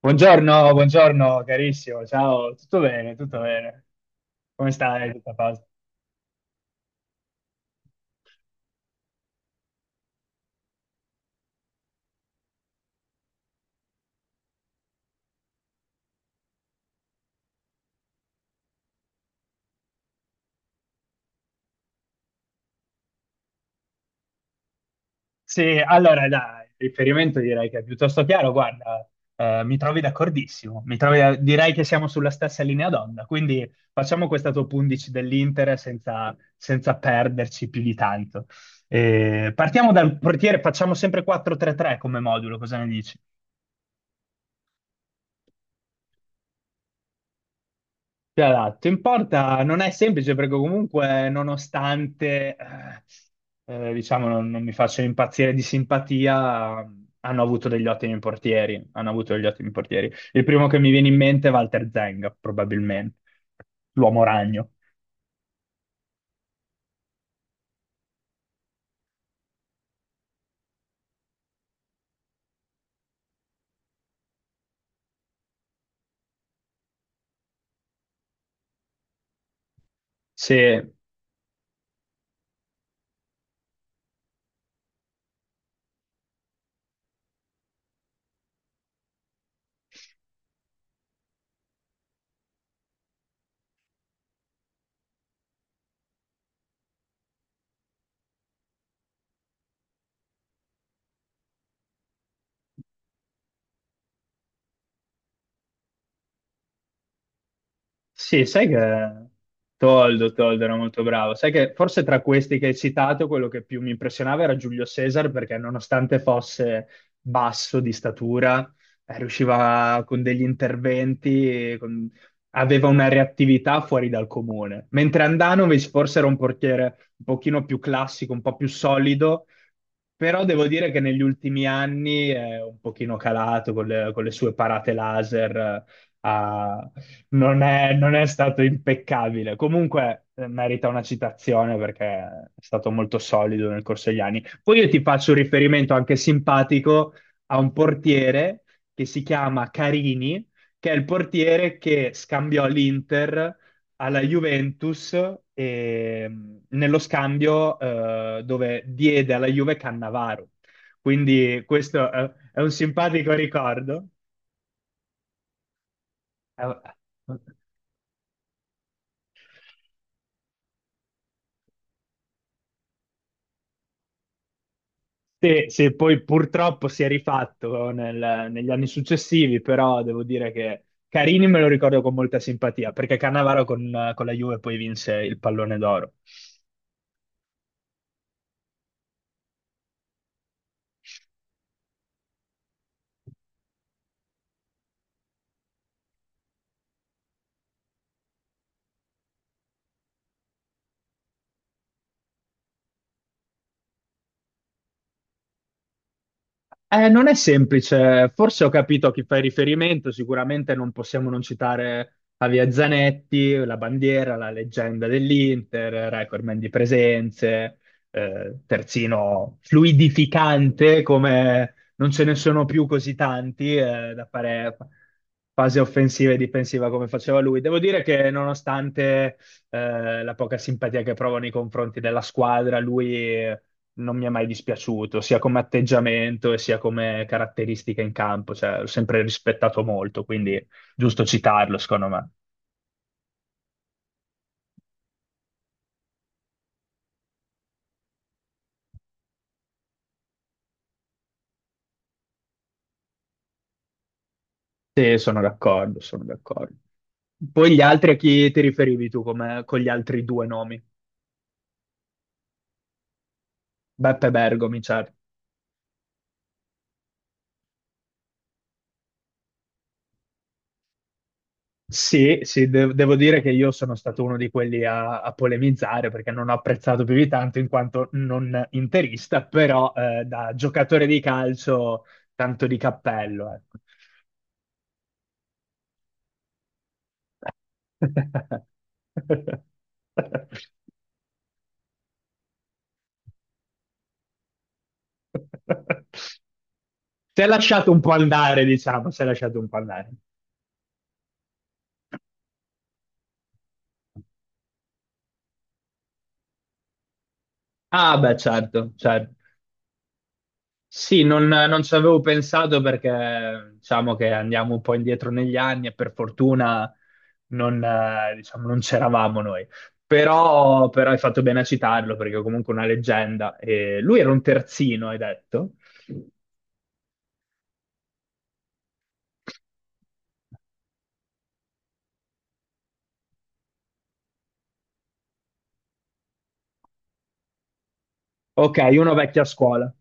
Buongiorno, buongiorno carissimo, ciao, tutto bene, come stai? Tutto a posto? Sì, allora dai, il riferimento direi che è piuttosto chiaro, guarda, mi trovi d'accordissimo, mi trovi direi che siamo sulla stessa linea d'onda, quindi facciamo questa top 11 dell'Inter senza perderci più di tanto. Partiamo dal portiere, facciamo sempre 4-3-3 come modulo, cosa ne dici? Ti adatto. In porta non è semplice perché comunque nonostante diciamo non mi faccio impazzire di simpatia, hanno avuto degli ottimi portieri. Il primo che mi viene in mente è Walter Zenga, probabilmente, l'uomo ragno. Sì, sì, sai che Toldo era molto bravo. Sai che forse tra questi che hai citato, quello che più mi impressionava era Giulio Cesar, perché nonostante fosse basso di statura, riusciva con degli interventi, aveva una reattività fuori dal comune. Mentre Andanovic forse era un portiere un pochino più classico, un po' più solido, però devo dire che negli ultimi anni è un pochino calato con le sue parate laser. A, non è, non è stato impeccabile. Comunque merita una citazione perché è stato molto solido nel corso degli anni. Poi io ti faccio un riferimento anche simpatico a un portiere che si chiama Carini, che è il portiere che scambiò l'Inter alla Juventus e, nello scambio dove diede alla Juve Cannavaro. Quindi questo è un simpatico ricordo. È- Sì, sì, poi purtroppo si è rifatto negli anni successivi, però devo dire che Carini me lo ricordo con molta simpatia, perché Cannavaro con la Juve poi vinse il pallone d'oro. Non è semplice, forse ho capito a chi fai riferimento, sicuramente non possiamo non citare Javier Zanetti, la bandiera, la leggenda dell'Inter, recordman di presenze, terzino fluidificante come non ce ne sono più così tanti da fare fase offensiva e difensiva come faceva lui. Devo dire che nonostante la poca simpatia che provo nei confronti della squadra, lui non mi è mai dispiaciuto, sia come atteggiamento e sia come caratteristica in campo, cioè l'ho sempre rispettato molto, quindi giusto citarlo, secondo me. Sì, sono d'accordo, sono d'accordo. Poi gli altri a chi ti riferivi tu come, con gli altri due nomi? Beppe Bergomi, certo. Sì, sì, devo dire che io sono stato uno di quelli a polemizzare perché non ho apprezzato più di tanto in quanto non interista, però da giocatore di calcio tanto di cappello, ecco. Si è lasciato un po' andare, diciamo, si è lasciato un po' andare. Ah, beh, certo, certo. Sì, non ci avevo pensato perché diciamo che andiamo un po' indietro negli anni e per fortuna non c'eravamo noi. Però hai fatto bene a citarlo perché è comunque una leggenda. E lui era un terzino, hai detto? Ok, uno vecchio a scuola.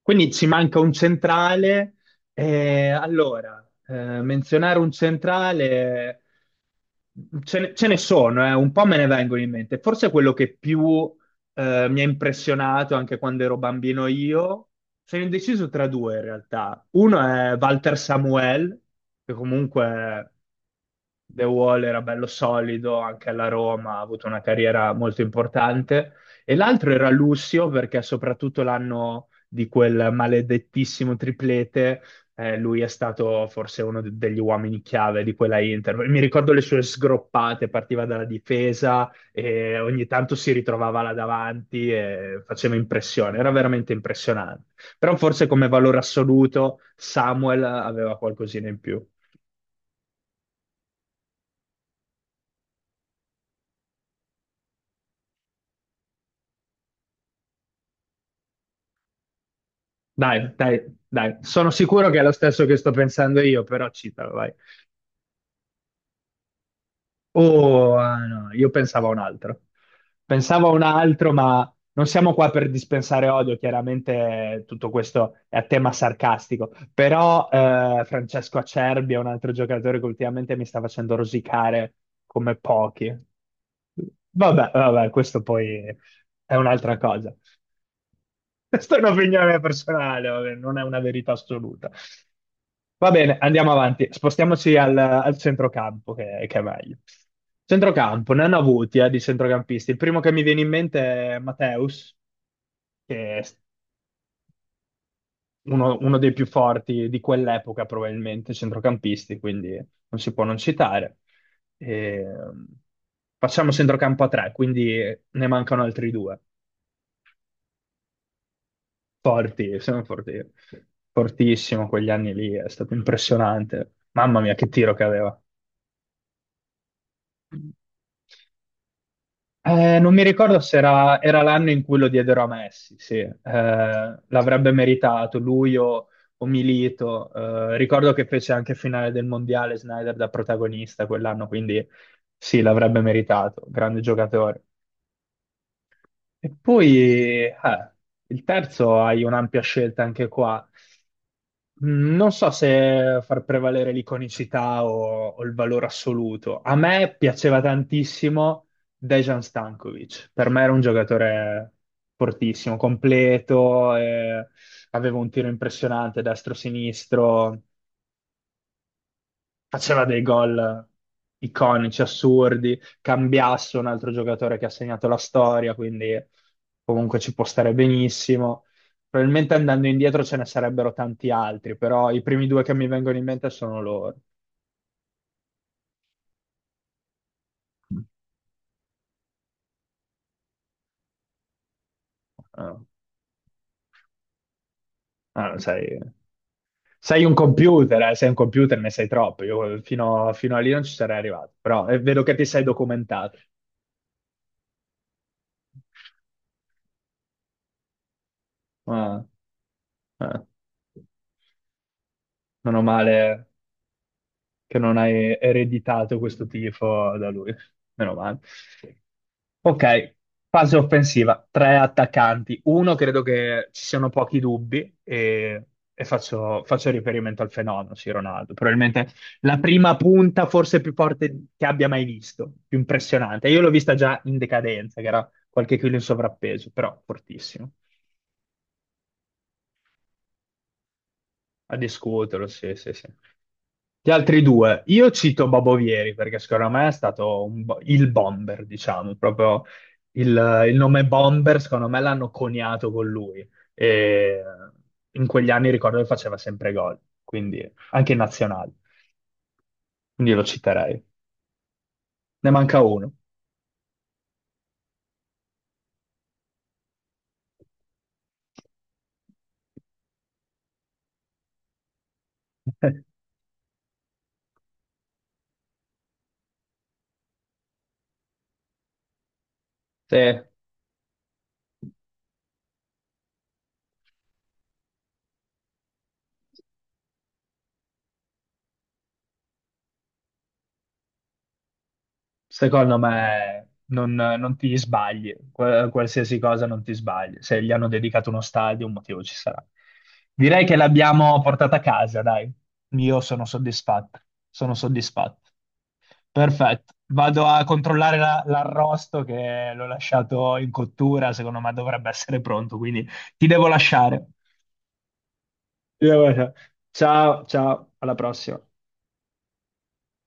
Quindi ci manca un centrale. Allora, menzionare un centrale. Ce ne sono, un po' me ne vengono in mente. Forse quello che più mi ha impressionato anche quando ero bambino io, sono indeciso tra due in realtà. Uno è Walter Samuel, che comunque The Wall era bello solido, anche alla Roma ha avuto una carriera molto importante. E l'altro era Lucio, perché soprattutto l'anno di quel maledettissimo triplete lui è stato forse degli uomini chiave di quella Inter. Mi ricordo le sue sgroppate, partiva dalla difesa e ogni tanto si ritrovava là davanti e faceva impressione, era veramente impressionante. Però forse come valore assoluto Samuel aveva qualcosina in più. Dai, dai, dai, sono sicuro che è lo stesso che sto pensando io, però citalo, vai. Oh, ah, no, io pensavo a un altro. Pensavo a un altro, ma non siamo qua per dispensare odio, chiaramente tutto questo è a tema sarcastico. Però Francesco Acerbi è un altro giocatore che ultimamente mi sta facendo rosicare come pochi. Vabbè, vabbè, questo poi è un'altra cosa. Questa è un'opinione personale, vabbè, non è una verità assoluta. Va bene, andiamo avanti. Spostiamoci al centrocampo, che è meglio. Centrocampo, ne hanno avuti di centrocampisti. Il primo che mi viene in mente è Matteus, che è uno dei più forti di quell'epoca, probabilmente, centrocampisti, quindi non si può non citare. E facciamo centrocampo a tre, quindi ne mancano altri due. Forti, sono forti. Fortissimo, quegli anni lì è stato impressionante. Mamma mia, che tiro che aveva. Non mi ricordo se era l'anno in cui lo diedero a Messi, sì. L'avrebbe meritato lui o Milito. Ricordo che fece anche finale del mondiale Snyder da protagonista quell'anno, quindi sì, l'avrebbe meritato, grande giocatore. E poi il terzo hai un'ampia scelta anche qua. Non so se far prevalere l'iconicità o il valore assoluto. A me piaceva tantissimo Dejan Stankovic. Per me era un giocatore fortissimo, completo, aveva un tiro impressionante destro-sinistro, faceva dei gol iconici, assurdi. Cambiasso, un altro giocatore che ha segnato la storia, quindi comunque ci può stare benissimo. Probabilmente andando indietro ce ne sarebbero tanti altri, però i primi due che mi vengono in mente sono loro. Ah, ah, sei un computer, sei un computer, ne sai troppo. Io fino a lì non ci sarei arrivato, però vedo che ti sei documentato. Ah, ah, meno male, che non hai ereditato questo tifo da lui. Meno male. Ok, fase offensiva, tre attaccanti. Uno credo che ci siano pochi dubbi e faccio riferimento al fenomeno, sì, Ronaldo. Probabilmente la prima punta forse più forte che abbia mai visto, più impressionante. Io l'ho vista già in decadenza, che era qualche chilo in sovrappeso, però fortissimo. A discuterlo, sì, sì, sì. Gli altri due, io cito Babovieri perché secondo me è stato un il bomber, diciamo, proprio il nome bomber, secondo me l'hanno coniato con lui. E in quegli anni ricordo che faceva sempre gol, quindi anche in nazionale, quindi lo citerei. Ne manca uno. Sì, secondo me non ti sbagli. Qualsiasi cosa non ti sbagli. Se gli hanno dedicato uno stadio, un motivo ci sarà. Direi che l'abbiamo portata a casa, dai. Io sono soddisfatto, sono soddisfatto. Perfetto, vado a controllare l'arrosto che l'ho lasciato in cottura, secondo me dovrebbe essere pronto, quindi ti devo lasciare. Ti devo lasciare. Ciao, ciao, alla prossima.